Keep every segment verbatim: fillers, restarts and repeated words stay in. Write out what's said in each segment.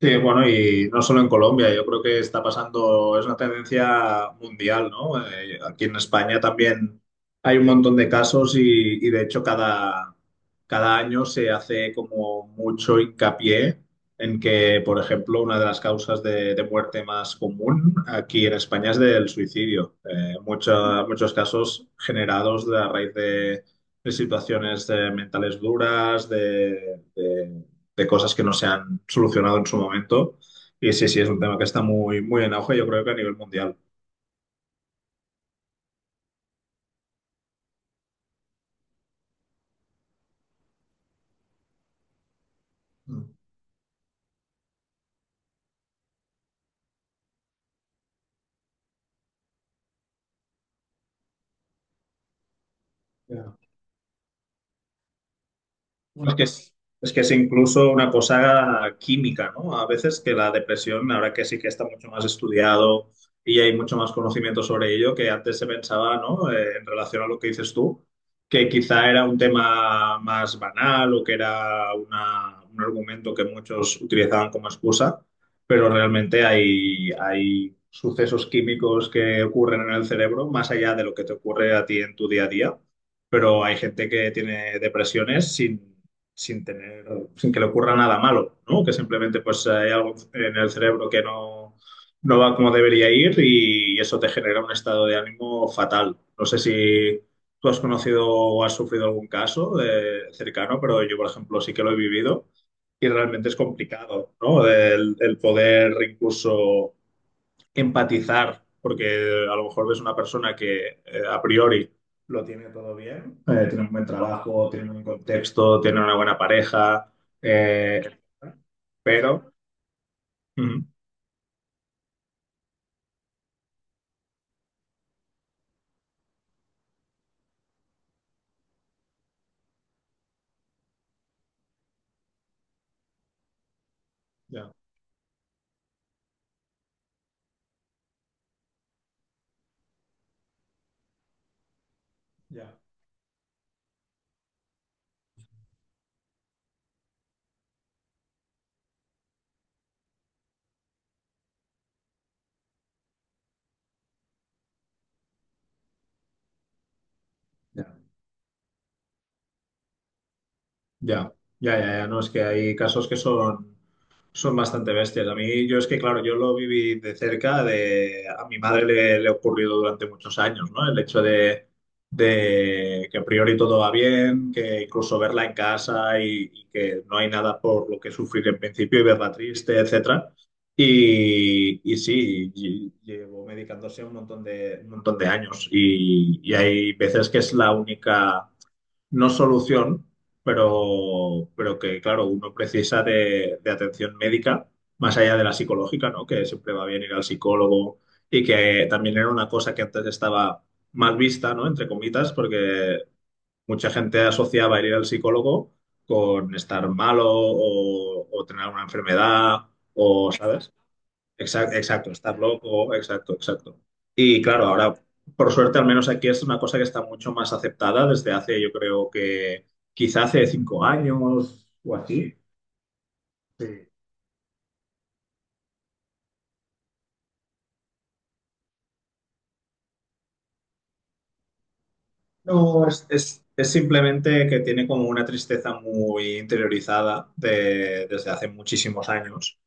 Sí, bueno, y no solo en Colombia, yo creo que está pasando, es una tendencia mundial, ¿no? Eh, aquí en España también hay un montón de casos y, y de hecho cada, cada año se hace como mucho hincapié en que, por ejemplo, una de las causas de, de muerte más común aquí en España es del suicidio. Eh, mucha- muchos casos generados de- a raíz de, de situaciones eh, mentales duras, de de cosas que no se han solucionado en su momento. Y sí, sí, es un tema que está muy, muy en auge, yo creo que a nivel mundial. Mm. Ya. Bueno, Es que es, es que es incluso una cosa química, ¿no? A veces que la depresión, ahora que sí que está mucho más estudiado y hay mucho más conocimiento sobre ello, que antes se pensaba, ¿no? Eh, en relación a lo que dices tú, que quizá era un tema más banal o que era una- un argumento que muchos utilizaban como excusa, pero realmente hay, hay sucesos químicos que ocurren en el cerebro más allá de lo que te ocurre a ti en tu día a día, pero hay gente que tiene depresiones sin, sin tener, sin que le ocurra nada malo, ¿no? Que simplemente pues hay algo en el cerebro que no, no va como debería ir, y eso te genera un estado de ánimo fatal. No sé si tú has conocido o has sufrido algún caso eh, cercano, pero yo, por ejemplo, sí que lo he vivido, y realmente es complicado, ¿no? El, el poder incluso empatizar, porque a lo mejor ves una persona que, eh, a priori, lo tiene todo bien, eh, tiene un buen trabajo, tiene un buen contexto, tiene una buena pareja, eh, pero... Ujú. Ya, ya, ya, ya, ya, ya, no, es que hay casos que son... Son bastante bestias. A mí, yo es que, claro, yo lo viví de cerca. De, a mi madre le, le ha ocurrido durante muchos años, ¿no? El hecho de, de que a priori todo va bien, que incluso verla en casa, y, y que no hay nada por lo que sufrir en principio, y verla triste, etcétera. Y, y sí, y- llevo medicándose un montón de, un montón de años, y, y hay veces que es la única no solución, pero, pero que, claro, uno precisa de, de atención médica, más allá de la psicológica, ¿no? Que siempre va bien ir al psicólogo y que también era una cosa que antes estaba mal vista, ¿no? Entre comitas, porque mucha gente asociaba el ir al psicólogo con estar malo o, o tener una enfermedad o, ¿sabes? Exacto, exacto, estar loco, exacto, exacto. Y claro, ahora, por suerte, al menos aquí es una cosa que está mucho más aceptada desde hace, yo creo que quizá hace cinco años o así. Sí. No, es, es- es simplemente que tiene como una tristeza muy interiorizada de- desde hace muchísimos años.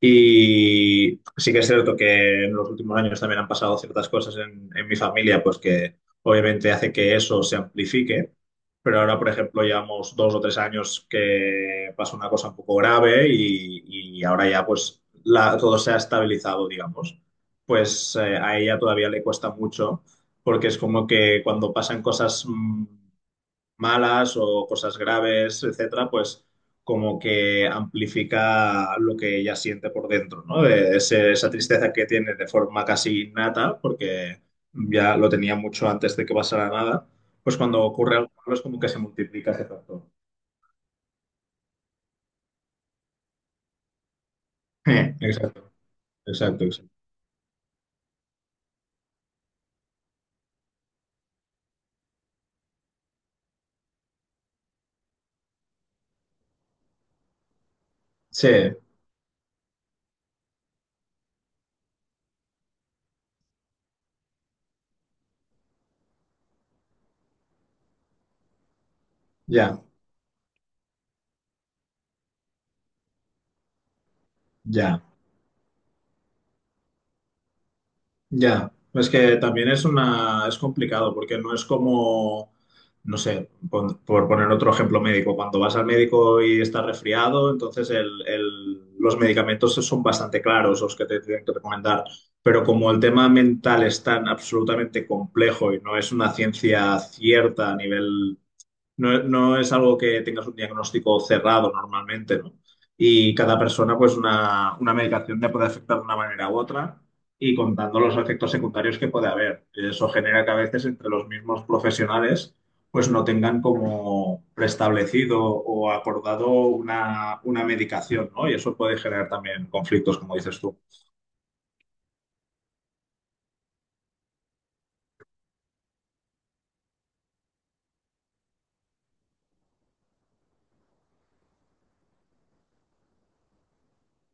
Y sí que es cierto que en los últimos años también han pasado ciertas cosas en, en mi familia, pues que obviamente hace que eso se amplifique. Pero ahora, por ejemplo, llevamos dos o tres años que pasó una cosa un poco grave, y, y ahora ya pues la- todo se ha estabilizado, digamos. Pues eh, a ella todavía le cuesta mucho porque es como que cuando pasan cosas mm, malas o cosas graves, etcétera, pues como que amplifica lo que ella siente por dentro, ¿no? De ese- esa tristeza que tiene de forma casi innata, porque ya lo tenía mucho antes de que pasara nada, pues cuando ocurre algo malo es como que se multiplica ese factor. Eh, Exacto, exacto, exacto. Sí, ya, ya. Ya, es que también es una, es complicado porque no es como, no sé, pon- por, poner otro ejemplo médico, cuando vas al médico y estás resfriado, entonces el- el- los medicamentos son bastante claros los que te tienen que recomendar, pero como el tema mental es tan absolutamente complejo y no es una ciencia cierta a nivel, no, no es algo que tengas un diagnóstico cerrado normalmente, ¿no? Y cada persona, pues una, una medicación te puede afectar de una manera u otra, y contando los efectos secundarios que puede haber. Eso genera que a veces entre los mismos profesionales, pues no tengan como preestablecido o acordado una, una medicación, ¿no? Y eso puede generar también conflictos, como dices tú.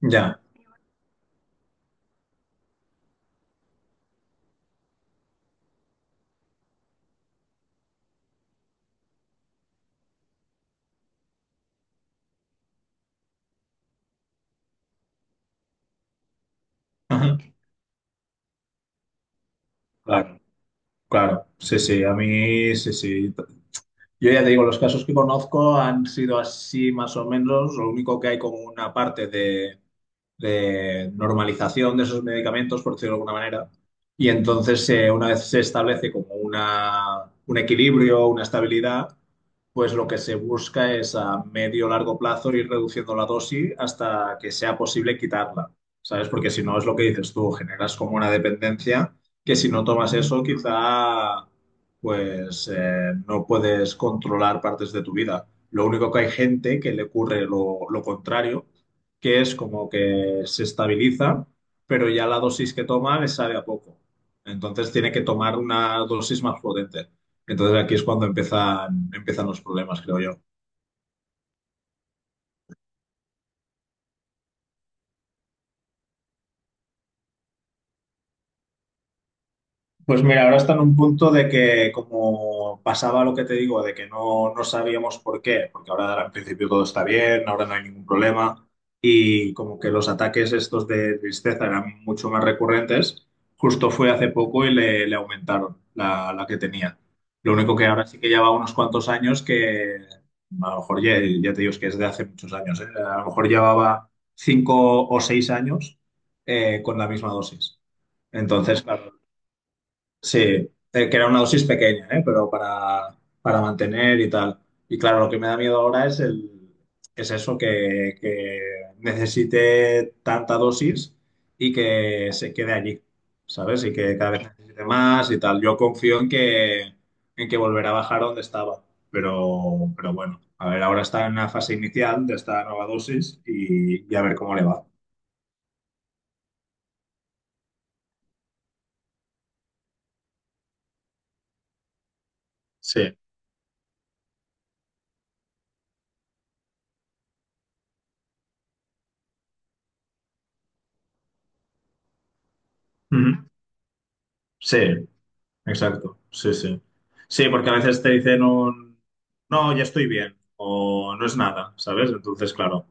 Ya. Ajá. Claro, claro. Sí, sí, a mí, sí, sí. Yo ya te digo, los casos que conozco han sido así más o menos. Lo único que hay como una parte de, de normalización de esos medicamentos, por decirlo de alguna manera. Y entonces, eh, una vez se establece como una, un equilibrio, una estabilidad, pues lo que se busca es a medio o largo plazo ir reduciendo la dosis hasta que sea posible quitarla, ¿sabes? Porque si no es lo que dices tú, generas como una dependencia, que si no tomas eso quizá, pues eh, no puedes controlar partes de tu vida. Lo único que hay gente que le ocurre lo, lo contrario, que es como que se estabiliza, pero ya la dosis que toma le sabe a poco. Entonces tiene que tomar una dosis más potente. Entonces aquí es cuando empiezan, empiezan los problemas, creo yo. Pues mira, ahora está en un punto de que como pasaba lo que te digo, de que no, no sabíamos por qué, porque ahora en principio todo está bien, ahora no hay ningún problema, y como que los ataques estos de tristeza eran mucho más recurrentes, justo fue hace poco y le, le aumentaron la, la que tenía. Lo único que ahora sí que lleva unos cuantos años que a lo mejor ya, ya te digo es que es de hace muchos años, ¿eh? A lo mejor llevaba cinco o seis años eh, con la misma dosis. Entonces, claro, sí, eh, que era una dosis pequeña, ¿eh? Pero para, para mantener y tal. Y claro, lo que me da miedo ahora es el, es eso, que, que necesite tanta dosis y que se quede allí, ¿sabes? Y que cada vez necesite más y tal. Yo confío en que, en que volverá a bajar donde estaba. Pero, pero bueno, a ver, ahora está en la fase inicial de esta nueva dosis, y, y a ver cómo le va. Sí. Ujú. Sí. Exacto, sí, sí. Sí, porque a veces te dicen un, no, ya estoy bien, o no es nada, ¿sabes? Entonces, claro,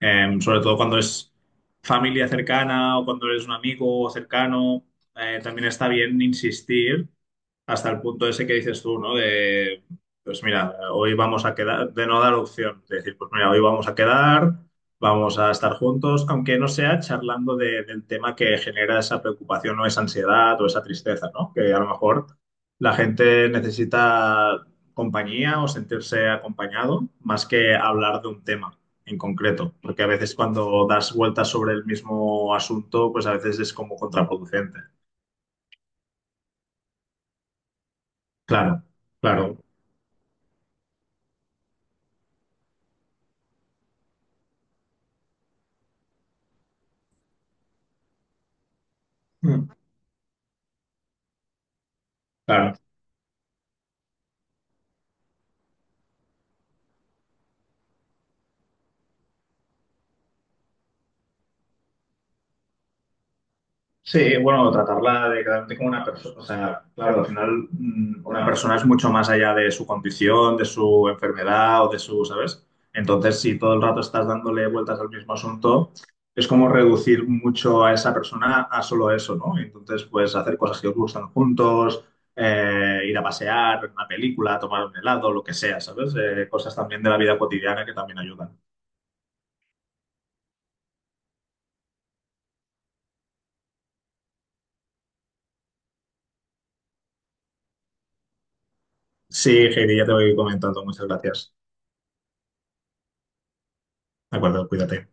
em, sobre todo cuando es familia cercana o cuando eres un amigo cercano, eh, también está bien insistir hasta el punto ese que dices tú, ¿no? De, pues mira, hoy vamos a quedar, de no dar opción, de decir, pues mira, hoy vamos a quedar, vamos a estar juntos, aunque no sea charlando de- del tema que genera esa preocupación o esa ansiedad o esa tristeza, ¿no? Que a lo mejor la gente necesita compañía o sentirse acompañado más que hablar de un tema en concreto, porque a veces cuando das vueltas sobre el mismo asunto, pues a veces es como contraproducente. Claro, claro, Mm. Claro. Sí, bueno, tratarla de como una persona, o sea, claro, al final mm, una persona es mucho más allá de su condición, de su enfermedad o de su, ¿sabes? Entonces, si todo el rato estás dándole vueltas al mismo asunto, es como reducir mucho a esa persona a solo eso, ¿no? Entonces, pues hacer cosas que os gustan juntos, eh, ir a pasear, ver una película, tomar un helado, lo que sea, ¿sabes? Eh, cosas también de la vida cotidiana que también ayudan. Sí, Heidi, ya te voy comentando. Muchas gracias. De acuerdo, cuídate.